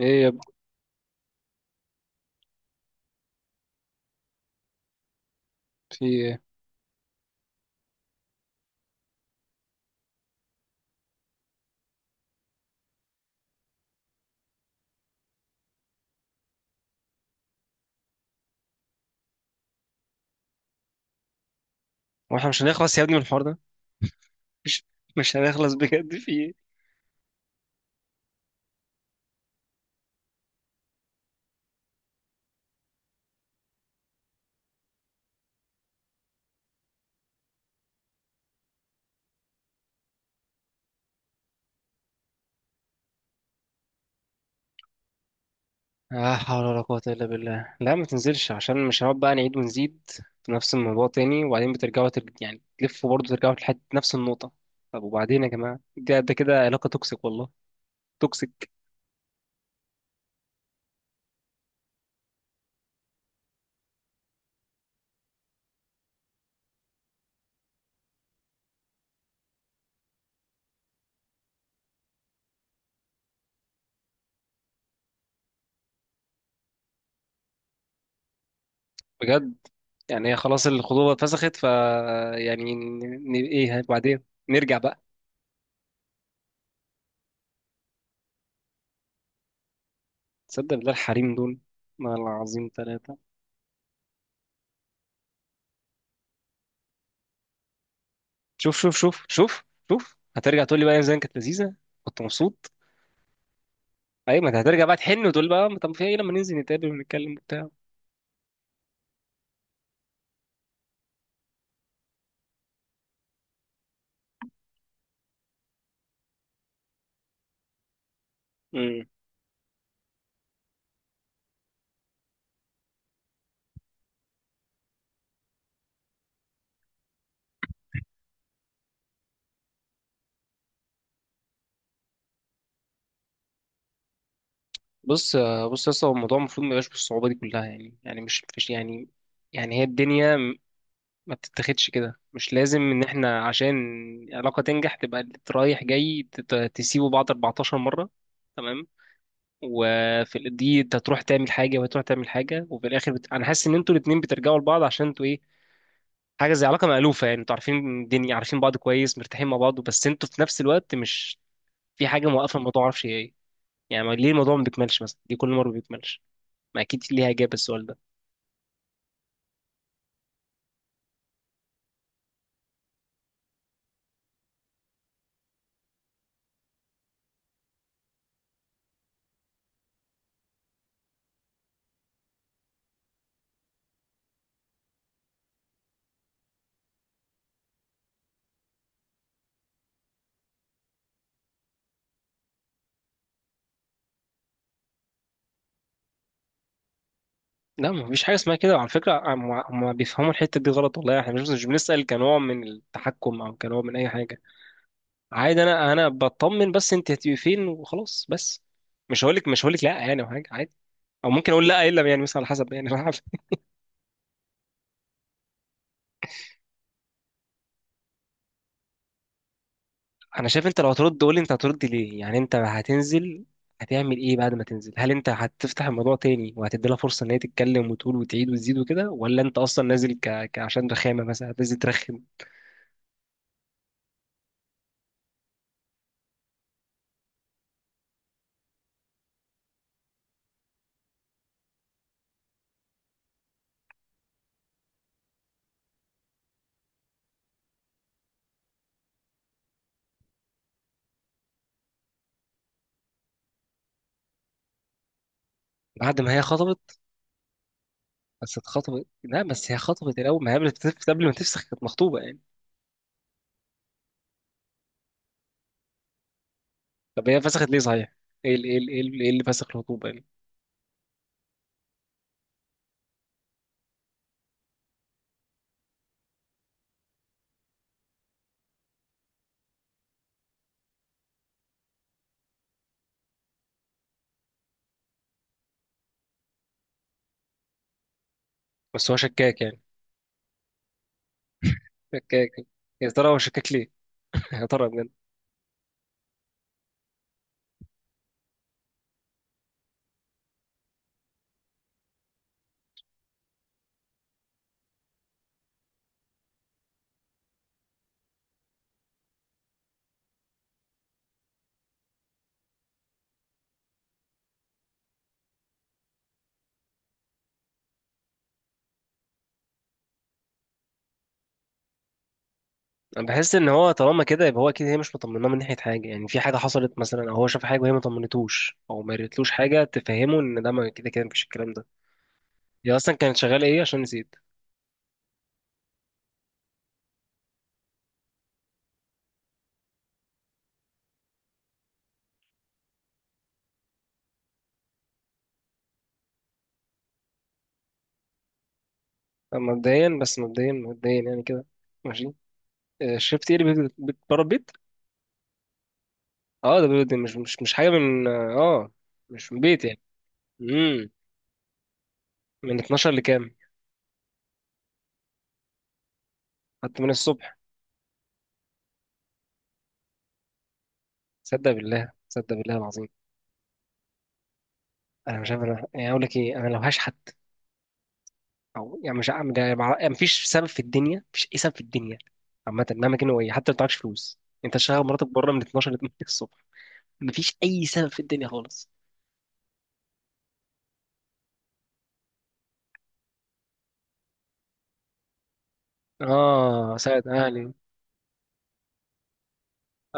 ايه يا ابني؟ في ايه؟ واحنا مش هنخلص يا ابني من الحوار ده؟ مش مش هنخلص بجد، في ايه؟ لا حول ولا قوة إلا بالله. لا، ما تنزلش، عشان مش هنقعد بقى نعيد ونزيد في نفس الموضوع تاني، وبعدين بترجعوا يعني تلفوا برضه ترجعوا لحد نفس النقطة. طب وبعدين يا جماعة، ده ده كده علاقة توكسيك والله. توكسيك بجد. يعني هي خلاص الخطوبة اتفسخت، ف يعني ن... بعدين نرجع بقى؟ تصدق بالله الحريم دول، والله العظيم تلاتة. شوف شوف شوف شوف، شوف هترجع تقول لي بقى يا زين كانت لذيذه، كنت مبسوط. ايوه، ما انت هترجع بقى تحن وتقول بقى طب في ايه لما ننزل نتقابل ونتكلم وبتاع. امم بص، بص يا اسطى، هو الموضوع المفروض ما يبقاش بالصعوبه دي كلها، يعني يعني مش مش يعني يعني هي الدنيا ما بتتاخدش كده. مش لازم ان احنا عشان علاقه تنجح تبقى اللي رايح جاي تسيبوا بعض 14 مره، تمام؟ وفي دي انت تروح تعمل حاجه وهتروح تعمل حاجه، وفي الاخر انا حاسس ان انتوا الاثنين بترجعوا لبعض عشان انتوا ايه، حاجه زي علاقه مألوفه، يعني انتوا عارفين الدنيا، عارفين بعض كويس، مرتاحين مع بعض، بس انتوا في نفس الوقت مش، في حاجه موقفه الموضوع معرفش هي ايه. يعني ليه الموضوع ما بيكملش؟ مثلا ليه كل مره ما بيكملش؟ ما اكيد ليها اجابه السؤال ده. لا، ما فيش حاجه اسمها كده. وعلى فكره، هم بيفهموا الحته دي غلط والله. احنا مش بنسأل كنوع من التحكم او كنوع من اي حاجه. عادي، انا بطمن، بس انت هتبقي فين وخلاص. بس مش هقولك لا يعني او حاجه. عادي. او ممكن اقول لا، الا يعني مثلا على حسب يعني. انا شايف انت لو هترد قول لي انت هترد ليه. يعني انت هتنزل هتعمل ايه بعد ما تنزل؟ هل انت هتفتح الموضوع تاني وهتدي لها فرصه ان هي تتكلم وتقول وتعيد وتزيد وكده، ولا انت اصلا نازل عشان رخامه مثلا، هتنزل ترخم؟ بعد ما هي خطبت، بس اتخطبت. لا بس هي خطبت الاول، ما هي قبل ما تفسخ كانت مخطوبه يعني. طب هي فسخت ليه صحيح؟ إيه اللي فسخ الخطوبه يعني؟ بس هو شكاك يعني؟ شكاك. يا ترى هو شكاك ليه؟ يا ترى. انا بحس ان هو طالما كده يبقى هو اكيد، هي مش مطمناه من ناحيه حاجه، يعني في حاجه حصلت مثلا او هو شاف حاجه وهي ما طمنتوش او ما قالتلوش حاجه تفهمه ان ده، ما كده كده مفيش الكلام ده. هي اصلا كانت شغاله ايه عشان نسيت؟ مبدئيا، بس مبدئيا يعني كده. ماشي. آه، شفت ايه اللي بره البيت؟ اه، ده مش حاجه من، اه مش من بيت يعني. امم، من 12 لكام؟ حتى من الصبح. صدق بالله، صدق بالله العظيم. انا مش عارف، انا يعني اقول لك ايه، انا لو هشحت، او يعني مش عم ده مع... يعني مفيش سبب في الدنيا، مفيش اي سبب في الدنيا. عامه مهما كان هو ايه، حتى لو معكش فلوس، انت شغال، مراتك بره من 12 ل 8 الصبح، مفيش اي سبب في الدنيا خالص. اه ساعد اهلي.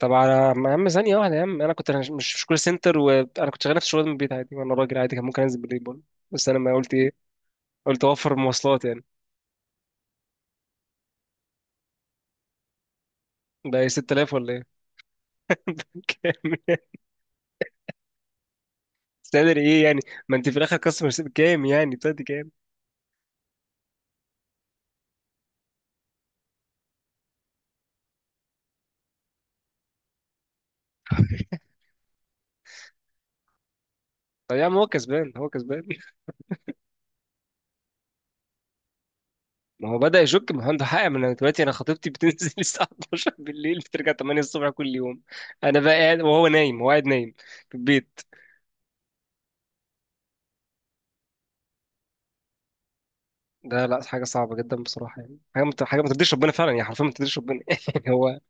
طبعا. انا يا عم، ثانيه واحده يا عم، انا كنت مش كول سنتر، وانا كنت شغال نفس الشغل من البيت عادي، وانا راجل عادي كان ممكن انزل بالليل برضه، بس انا ما قلت ايه، قلت اوفر المواصلات يعني. ده إيه، 6000 ولا ايه؟ كام؟ استقدر ايه يعني؟ ما انت في الاخر كاستمر كام يعني، بتاعتي كام؟ طب يا عم هو كسبان، هو كسبان. ما هو بدأ يشك، ما هو عنده حق. ما انا دلوقتي، انا خطيبتي بتنزل الساعة 12 بالليل، بترجع 8 الصبح كل يوم. انا بقى قاعد وهو نايم، هو قاعد نايم في البيت. ده لا، حاجة صعبة جدا بصراحة. يعني حاجة ما ترضيش ربنا فعلا، يعني حرفيا ما ترضيش ربنا يعني هو.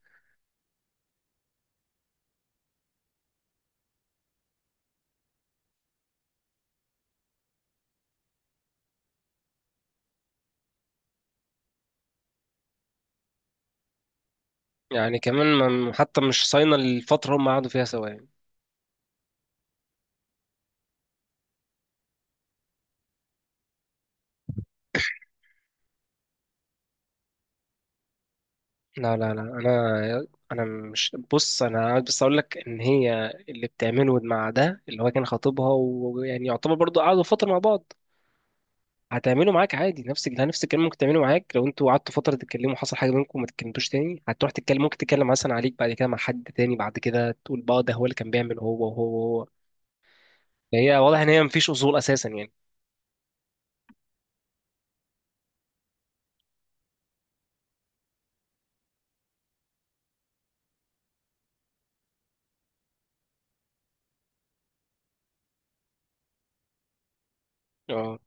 يعني كمان ما... حتى مش صاينة الفترة هم قعدوا فيها سوا يعني. لا لا لا، انا مش، بص انا عايز بس اقول لك ان هي اللي بتعمله مع ده اللي هو كان خطيبها، ويعني يعتبر برضو قعدوا فترة مع بعض، هتعمله معاك عادي، نفس نفس الكلام ممكن تعمله معاك. لو انتوا قعدتوا فتره تتكلموا، حصل حاجه بينكم وما تتكلمتوش تاني، هتروح تتكلم، ممكن تتكلم مثلا عليك بعد كده مع حد تاني، بعد كده تقول بقى ده هو اللي كان بيعمل هو وهو وهو. فهي واضح ان هي مفيش اصول اساسا يعني. اه،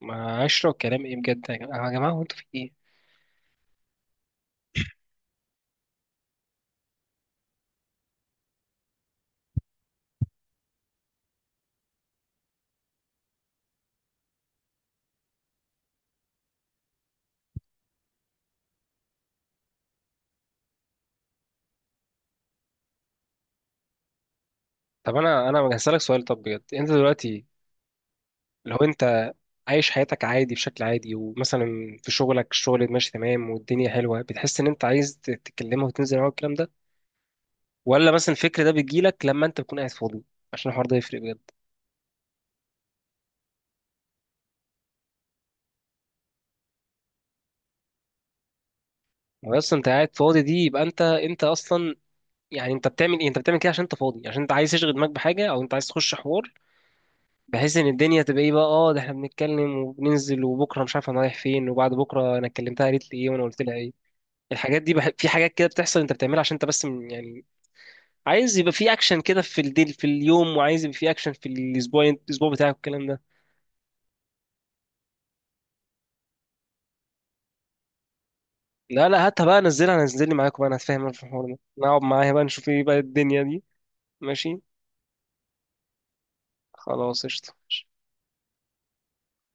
ما اشرب كلام ايه بجد يا جماعه، يا جماعة، هو انتوا في ايه؟ طب انا هسألك سؤال، طب بجد، انت دلوقتي لو انت عايش حياتك عادي بشكل عادي، ومثلا في شغلك الشغل ماشي تمام والدنيا حلوه، بتحس ان انت عايز تتكلمها وتنزل معاها الكلام ده، ولا مثلا الفكر ده بيجيلك لما انت بتكون قاعد فاضي؟ عشان الحوار ده يفرق بجد. هو اصلا انت قاعد فاضي دي يبقى انت اصلا، يعني انت بتعمل ايه؟ انت بتعمل كده عشان انت فاضي، عشان انت عايز تشغل دماغك بحاجه، او انت عايز تخش حوار، بحيث ان الدنيا تبقى ايه بقى، اه ده احنا بنتكلم وبننزل، وبكره مش عارف انا رايح فين، وبعد بكره انا كلمتها قالت لي ايه وانا قلت لها ايه. في حاجات كده بتحصل انت بتعملها عشان انت بس يعني عايز يبقى في اكشن كده في الديل في اليوم، وعايز يبقى في اكشن في الاسبوع، الاسبوع بتاعك والكلام ده. لا لا، هاتها بقى، نزلها، نزلني معاكم بقى، انا هتفاهم أنا في الحوار ده. نقعد معايا بقى نشوف ايه بقى الدنيا دي. ماشي، خلاص، قشطة.